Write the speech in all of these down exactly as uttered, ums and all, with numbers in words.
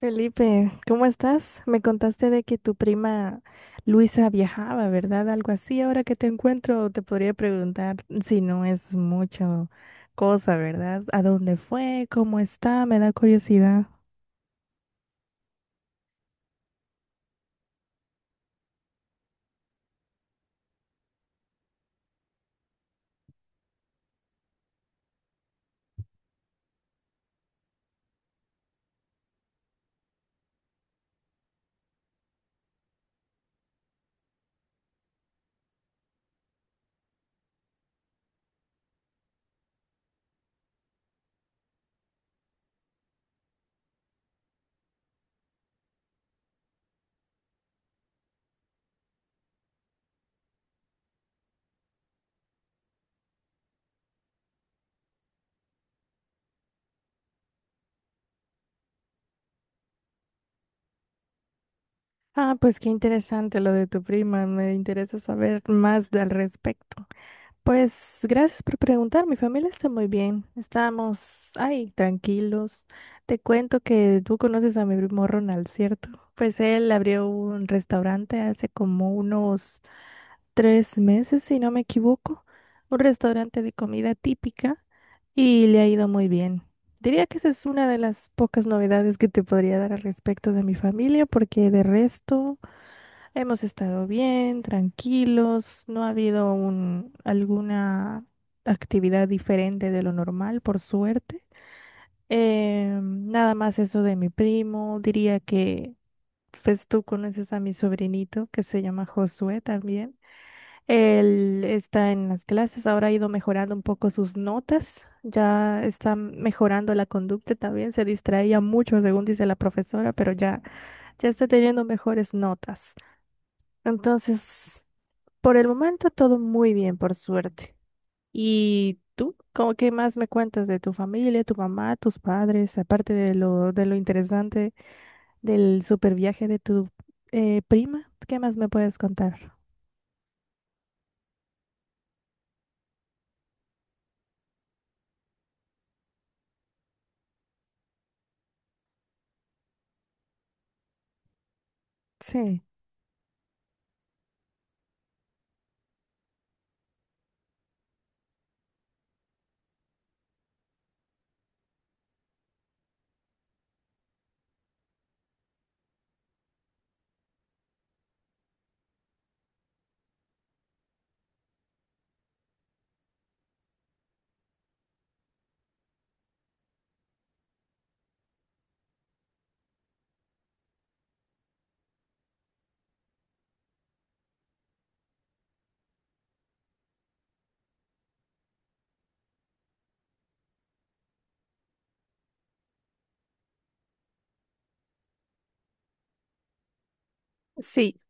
Felipe, ¿cómo estás? Me contaste de que tu prima Luisa viajaba, ¿verdad? Algo así. Ahora que te encuentro, te podría preguntar si no es mucho cosa, ¿verdad? ¿A dónde fue? ¿Cómo está? Me da curiosidad. Ah, pues qué interesante lo de tu prima. Me interesa saber más al respecto. Pues gracias por preguntar, mi familia está muy bien, estamos, ay, tranquilos. Te cuento que tú conoces a mi primo Ronald, ¿cierto? Pues él abrió un restaurante hace como unos tres meses, si no me equivoco, un restaurante de comida típica y le ha ido muy bien. Diría que esa es una de las pocas novedades que te podría dar al respecto de mi familia, porque de resto, hemos estado bien, tranquilos, no ha habido un, alguna actividad diferente de lo normal, por suerte. Eh, nada más eso de mi primo, diría que pues tú conoces a mi sobrinito que se llama Josué también. Él está en las clases, ahora ha ido mejorando un poco sus notas, ya está mejorando la conducta también, se distraía mucho según dice la profesora, pero ya, ya está teniendo mejores notas. Entonces, por el momento todo muy bien, por suerte. ¿Y tú? ¿Cómo qué más me cuentas de tu familia, tu mamá, tus padres, aparte de lo de lo interesante del super viaje de tu eh, prima? ¿Qué más me puedes contar? Sí. Sí,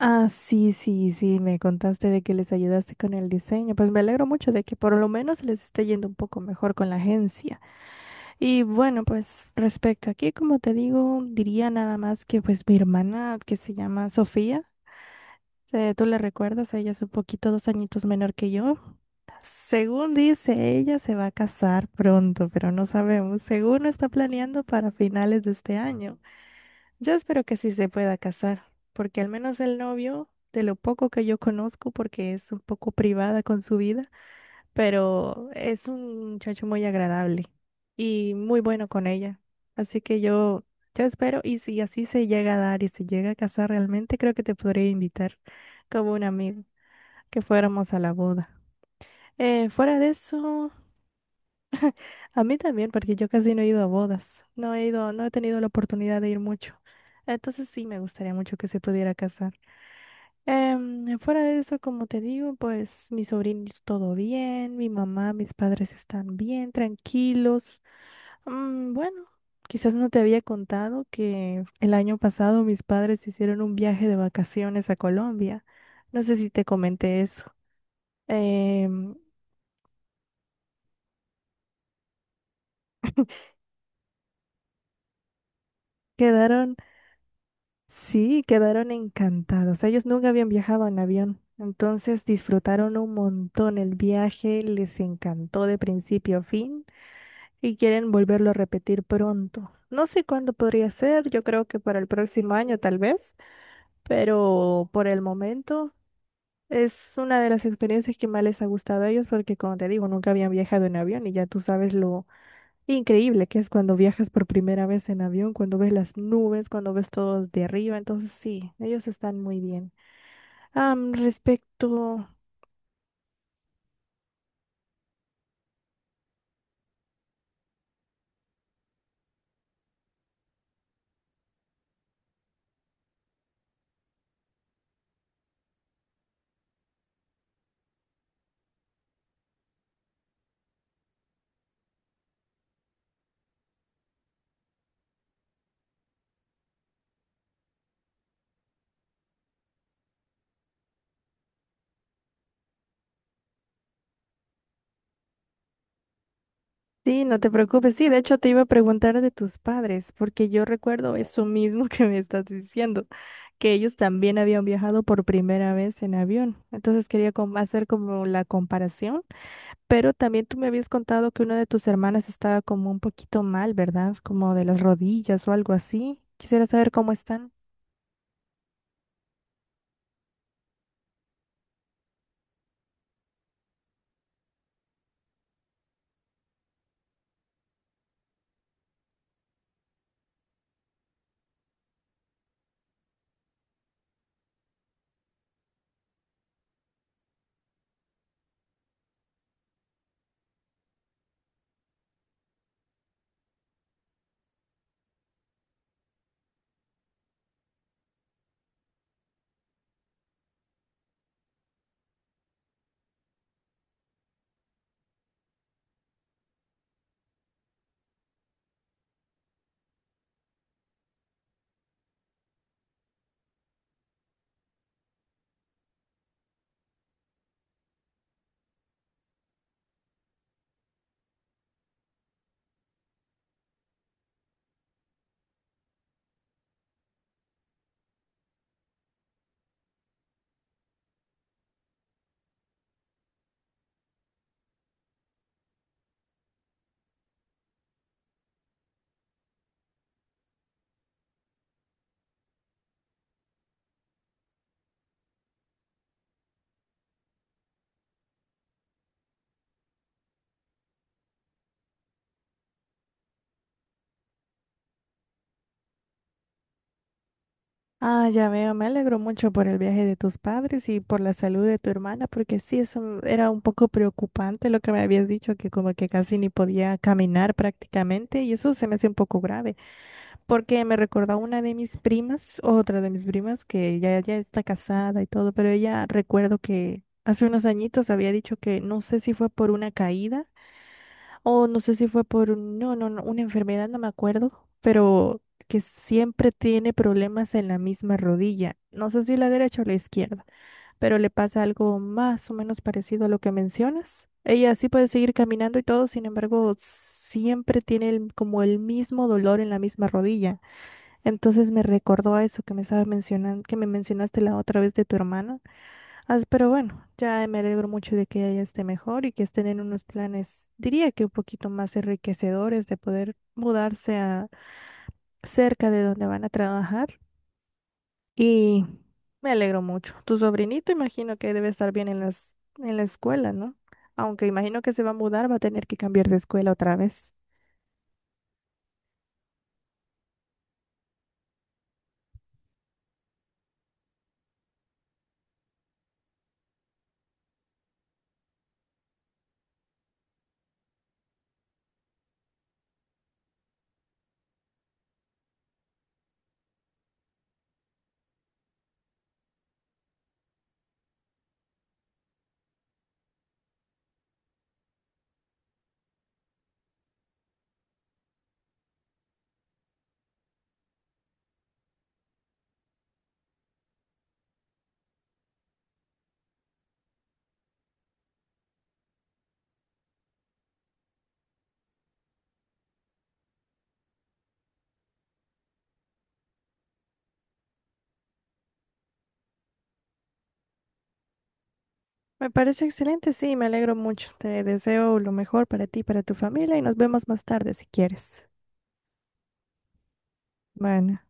ah, sí, sí, sí, me contaste de que les ayudaste con el diseño. Pues me alegro mucho de que por lo menos les esté yendo un poco mejor con la agencia. Y bueno, pues respecto aquí, como te digo, diría nada más que pues mi hermana, que se llama Sofía. Eh, tú le recuerdas, ella es un poquito dos añitos menor que yo. Según dice, ella se va a casar pronto, pero no sabemos. Según lo está planeando para finales de este año. Yo espero que sí se pueda casar, porque al menos el novio, de lo poco que yo conozco, porque es un poco privada con su vida, pero es un muchacho muy agradable y muy bueno con ella. Así que yo, yo espero, y si así se llega a dar y se llega a casar realmente, creo que te podría invitar como un amigo, que fuéramos a la boda. Eh, fuera de eso, a mí también, porque yo casi no he ido a bodas, no he ido, no he tenido la oportunidad de ir mucho. Entonces sí me gustaría mucho que se pudiera casar. Em, eh, fuera de eso, como te digo, pues mis sobrinos todo bien, mi mamá, mis padres están bien, tranquilos. Mm, bueno, quizás no te había contado que el año pasado mis padres hicieron un viaje de vacaciones a Colombia. No sé si te comenté eso. Em, Quedaron, sí, quedaron encantados. Ellos nunca habían viajado en avión. Entonces disfrutaron un montón el viaje, les encantó de principio a fin. Y quieren volverlo a repetir pronto. No sé cuándo podría ser, yo creo que para el próximo año tal vez, pero por el momento es una de las experiencias que más les ha gustado a ellos porque como te digo, nunca habían viajado en avión y ya tú sabes lo increíble que es cuando viajas por primera vez en avión, cuando ves las nubes, cuando ves todo de arriba, entonces sí, ellos están muy bien. Am, respecto. Sí, no te preocupes. Sí, de hecho te iba a preguntar de tus padres, porque yo recuerdo eso mismo que me estás diciendo, que ellos también habían viajado por primera vez en avión. Entonces quería com- hacer como la comparación, pero también tú me habías contado que una de tus hermanas estaba como un poquito mal, ¿verdad? Como de las rodillas o algo así. Quisiera saber cómo están. Ah, ya veo, me alegro mucho por el viaje de tus padres y por la salud de tu hermana, porque sí, eso era un poco preocupante lo que me habías dicho, que como que casi ni podía caminar prácticamente, y eso se me hace un poco grave, porque me recordó una de mis primas, otra de mis primas, que ya, ya está casada y todo, pero ella recuerdo que hace unos añitos había dicho que no sé si fue por una caída o no sé si fue por un- no, no, no, una enfermedad, no me acuerdo, pero que siempre tiene problemas en la misma rodilla. No sé si la derecha o la izquierda, pero le pasa algo más o menos parecido a lo que mencionas. Ella sí puede seguir caminando y todo, sin embargo, siempre tiene el- como el mismo dolor en la misma rodilla. Entonces me recordó a eso que me estaba mencionando, que me mencionaste la otra vez de tu hermana. As, pero bueno, ya me alegro mucho de que ella esté mejor y que estén en unos planes, diría que un poquito más enriquecedores de poder mudarse a cerca de donde van a trabajar. Y me alegro mucho. Tu sobrinito imagino que debe estar bien en las, en la escuela, ¿no? Aunque imagino que se va a mudar, va a tener que cambiar de escuela otra vez. Me parece excelente, sí, me alegro mucho. Te deseo lo mejor para ti, para tu familia y nos vemos más tarde si quieres. Bueno.